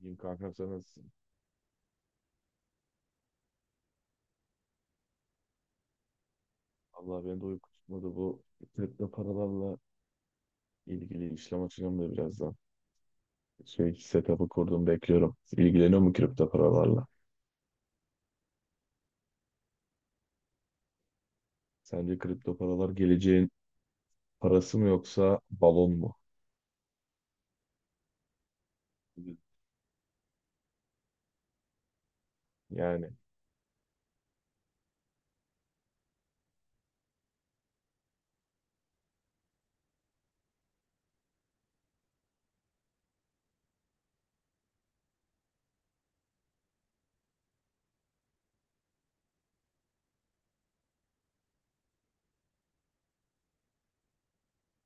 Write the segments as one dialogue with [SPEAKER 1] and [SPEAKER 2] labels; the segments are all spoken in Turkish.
[SPEAKER 1] İyiyim kankam, sen nasılsın? Allah, beni de uyku tutmadı, bu kripto paralarla ilgili işlem açacağım da birazdan. Şey, setup'ı kurdum, bekliyorum. İlgileniyor mu kripto paralarla? Sence kripto paralar geleceğin parası mı yoksa balon mu? Yani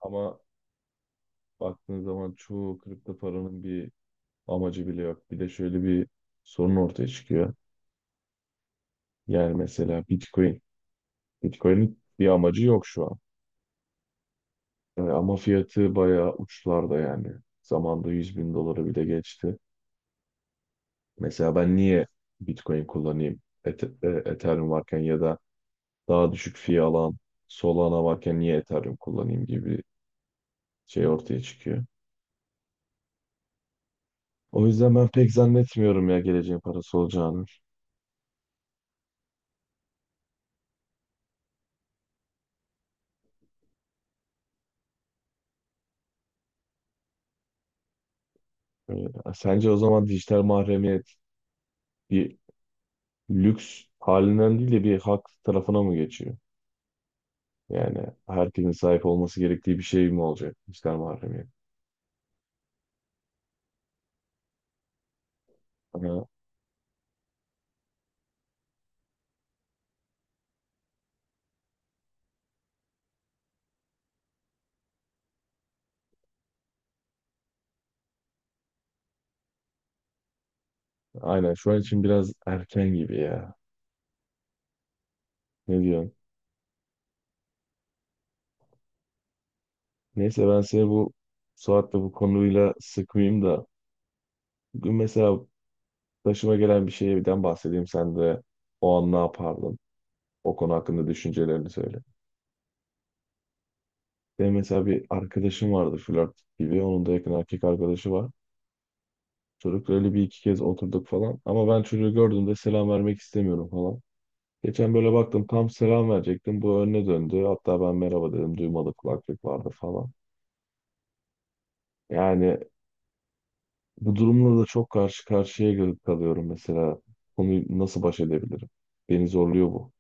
[SPEAKER 1] ama baktığın zaman çoğu kripto paranın bir amacı bile yok. Bir de şöyle bir sorun ortaya çıkıyor. Yani mesela Bitcoin. Bitcoin'in bir amacı yok şu an. Ama fiyatı bayağı uçlarda yani. Zamanında 100 bin doları bile geçti. Mesela ben niye Bitcoin kullanayım? Ethereum varken ya da daha düşük fee alan Solana varken niye Ethereum kullanayım gibi bir şey ortaya çıkıyor. O yüzden ben pek zannetmiyorum ya geleceğin parası olacağını. Ee, Sence o zaman dijital mahremiyet bir lüks halinden değil de bir hak tarafına mı geçiyor? Yani herkesin sahip olması gerektiği bir şey mi olacak dijital mahremiyet? Ama aynen şu an için biraz erken gibi ya. Ne diyorsun? Neyse, ben seni bu Suat'la bu konuyla sıkmayayım da bugün mesela başıma gelen bir şeyden bahsedeyim, sen de o an ne yapardın? O konu hakkında düşüncelerini söyle. Benim mesela bir arkadaşım vardı, flört gibi. Onun da yakın erkek arkadaşı var. Çocukla öyle bir iki kez oturduk falan. Ama ben çocuğu gördüğümde selam vermek istemiyorum falan. Geçen böyle baktım, tam selam verecektim. Bu önüne döndü. Hatta ben merhaba dedim. Duymadı, kulaklık vardı falan. Yani bu durumla da çok kalıyorum mesela. Konuyu nasıl baş edebilirim? Beni zorluyor bu.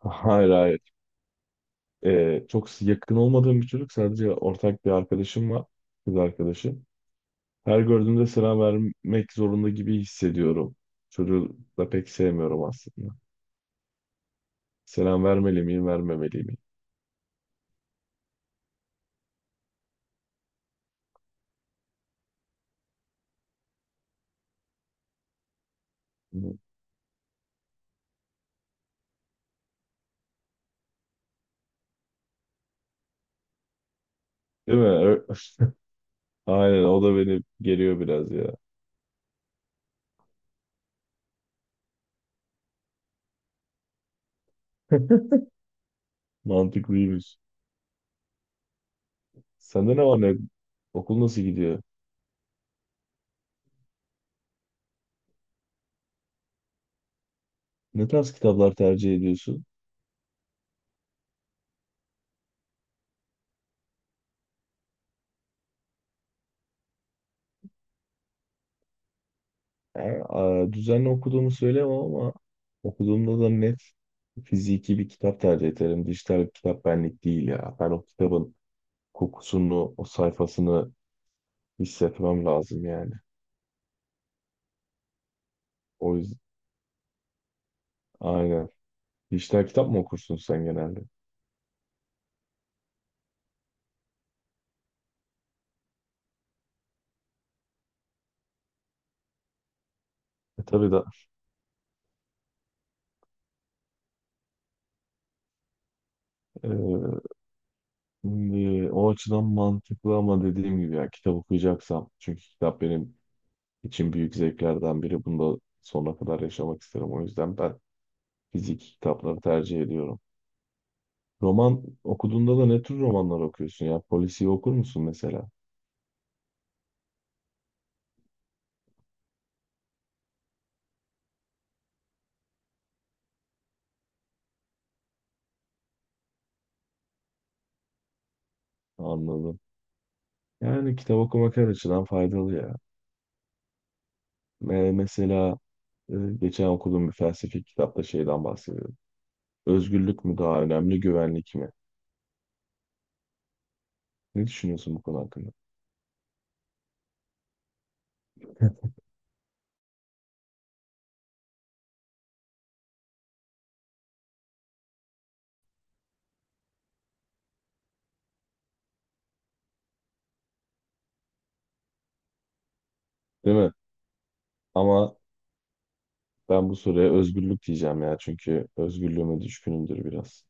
[SPEAKER 1] Hayır, hayır. Çok yakın olmadığım bir çocuk. Sadece ortak bir arkadaşım var. Kız arkadaşı. Her gördüğümde selam vermek zorunda gibi hissediyorum. Çocuğu da pek sevmiyorum aslında. Selam vermeli miyim, vermemeli miyim? Değil mi? Aynen, o da beni geriyor biraz ya. Mantıklıymış. Sende ne var ne? Okul nasıl gidiyor? Ne tarz kitaplar tercih ediyorsun? Yani, düzenli okuduğumu söylemem ama okuduğumda da net fiziki bir kitap tercih ederim. Dijital bir kitap benlik değil ya. Ben o kitabın kokusunu, o sayfasını hissetmem lazım yani. O yüzden aynen. Dijital kitap mı okursun sen genelde? Tabii da e, o açıdan mantıklı ama dediğim gibi ya, kitap okuyacaksam, çünkü kitap benim için büyük zevklerden biri. Bunu da sonuna kadar yaşamak isterim. O yüzden ben fiziki kitapları tercih ediyorum. Roman okuduğunda da ne tür romanlar okuyorsun ya? Polisiye okur musun mesela? Anladım. Yani kitap okumak her açıdan faydalı ya. Mesela e, geçen okuduğum bir felsefi kitapta şeyden bahsediyor. Özgürlük mü daha önemli, güvenlik mi? Ne düşünüyorsun bu konu hakkında? Değil mi? Ama ben bu soruya özgürlük diyeceğim ya. Çünkü özgürlüğüme düşkünümdür biraz.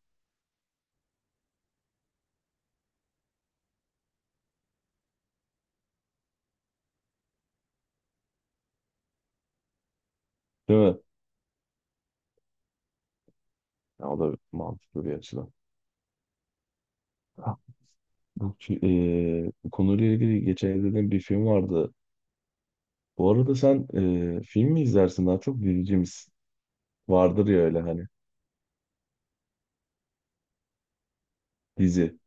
[SPEAKER 1] Değil mi? Ya, o da mantıklı bir açıdan. Ha, Bu konuyla ilgili geçen izlediğim bir film vardı. Bu arada sen film mi izlersin daha çok, dizici misin? Vardır ya öyle hani, dizi.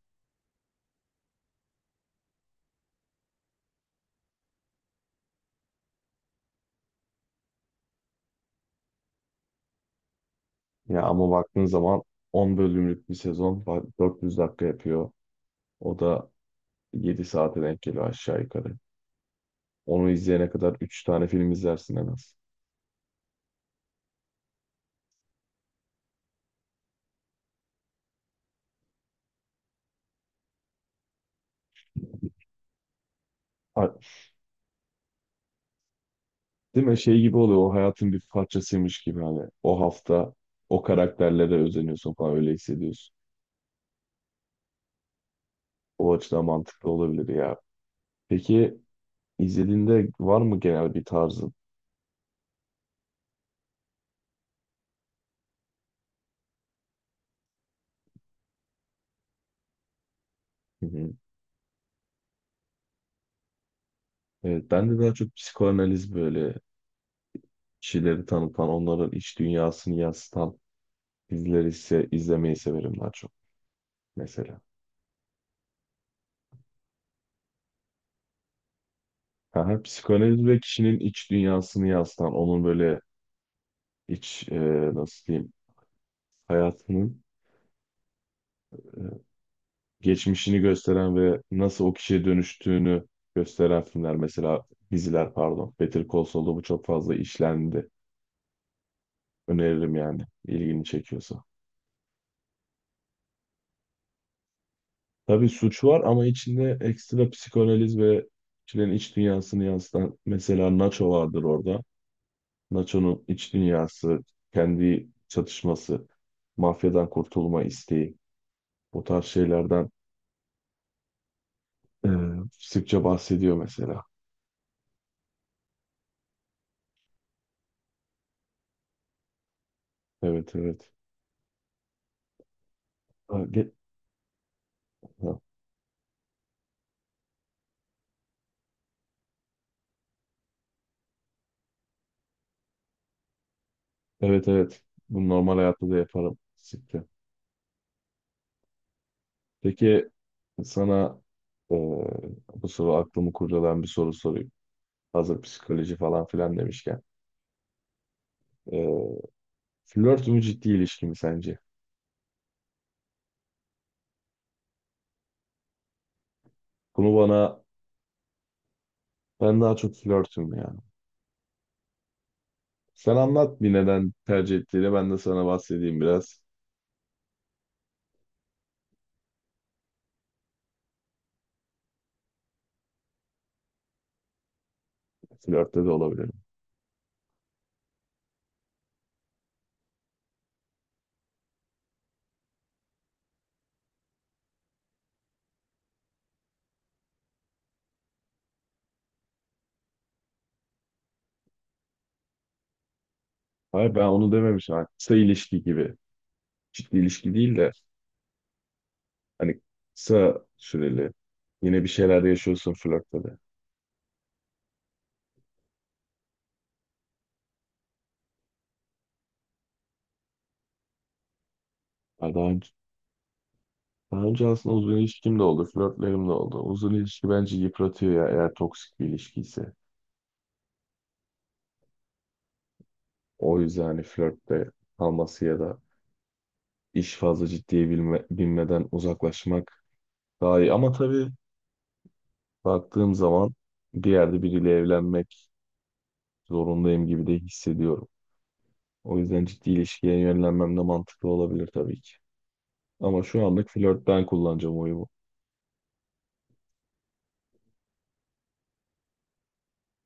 [SPEAKER 1] Ya ama baktığın zaman 10 bölümlük bir 400 dakika yapıyor. O da 7 saate denk geliyor aşağı yukarı. Onu izleyene kadar 3 tane film izlersin en az. Değil mi? Şey gibi oluyor. O hayatın bir parçasıymış gibi hani. O hafta o karakterlere özeniyorsun falan, öyle hissediyorsun. O açıdan mantıklı olabilir ya. Peki izlediğinde var mı genel bir tarzın? Hı hı. Evet, ben de daha çok psikoanaliz, böyle kişileri tanıtan, onların iç dünyasını yansıtan dizileri ise izlemeyi severim daha çok mesela. Aha, psikoanaliz ve kişinin iç dünyasını yansıtan, onun böyle iç e, nasıl diyeyim, hayatının geçmişini gösteren ve nasıl o kişiye dönüştüğünü gösteren filmler, mesela diziler pardon. Better Call Saul'da bu çok fazla işlendi. Öneririm yani, ilgini çekiyorsa. Tabii suç var ama içinde ekstra psikanaliz ve kişilerin iç dünyasını yansıtan, mesela Nacho vardır orada. Nacho'nun iç dünyası, kendi çatışması, mafyadan kurtulma isteği, bu tarz şeylerden e, sıkça bahsediyor mesela. Evet, evet. Ha, ge- ha. Evet, evet. Bunu normal hayatta da yaparım. Siktir. Peki sana e, bu soru, aklımı kurcalayan bir soru sorayım. Hazır psikoloji falan filan demişken. E, Flört mü ciddi ilişki mi sence? Bunu bana, ben daha çok flörtüm ya. Sen anlat bir neden tercih ettiğini, ben de sana bahsedeyim biraz. Flörtte de olabilirim. Hayır, ben onu dememişim. Hani kısa ilişki gibi. Ciddi ilişki değil de hani kısa süreli. Yine bir şeyler yaşıyorsun flörtte de. Ya daha önce aslında uzun ilişkim de oldu, flörtlerim de oldu. Uzun ilişki bence yıpratıyor ya, eğer toksik bir ilişki ise. O yüzden hani flörtte kalması ya da iş fazla ciddiye binmeden uzaklaşmak daha iyi. Ama tabii baktığım zaman bir yerde biriyle evlenmek zorundayım gibi de hissediyorum. O yüzden ciddi ilişkiye yönlenmem de mantıklı olabilir tabii ki. Ama şu anlık flört, ben kullanacağım oyumu.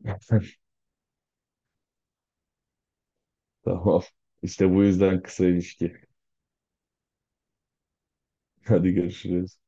[SPEAKER 1] Tamam. İşte bu yüzden kısa ilişki. Hadi görüşürüz.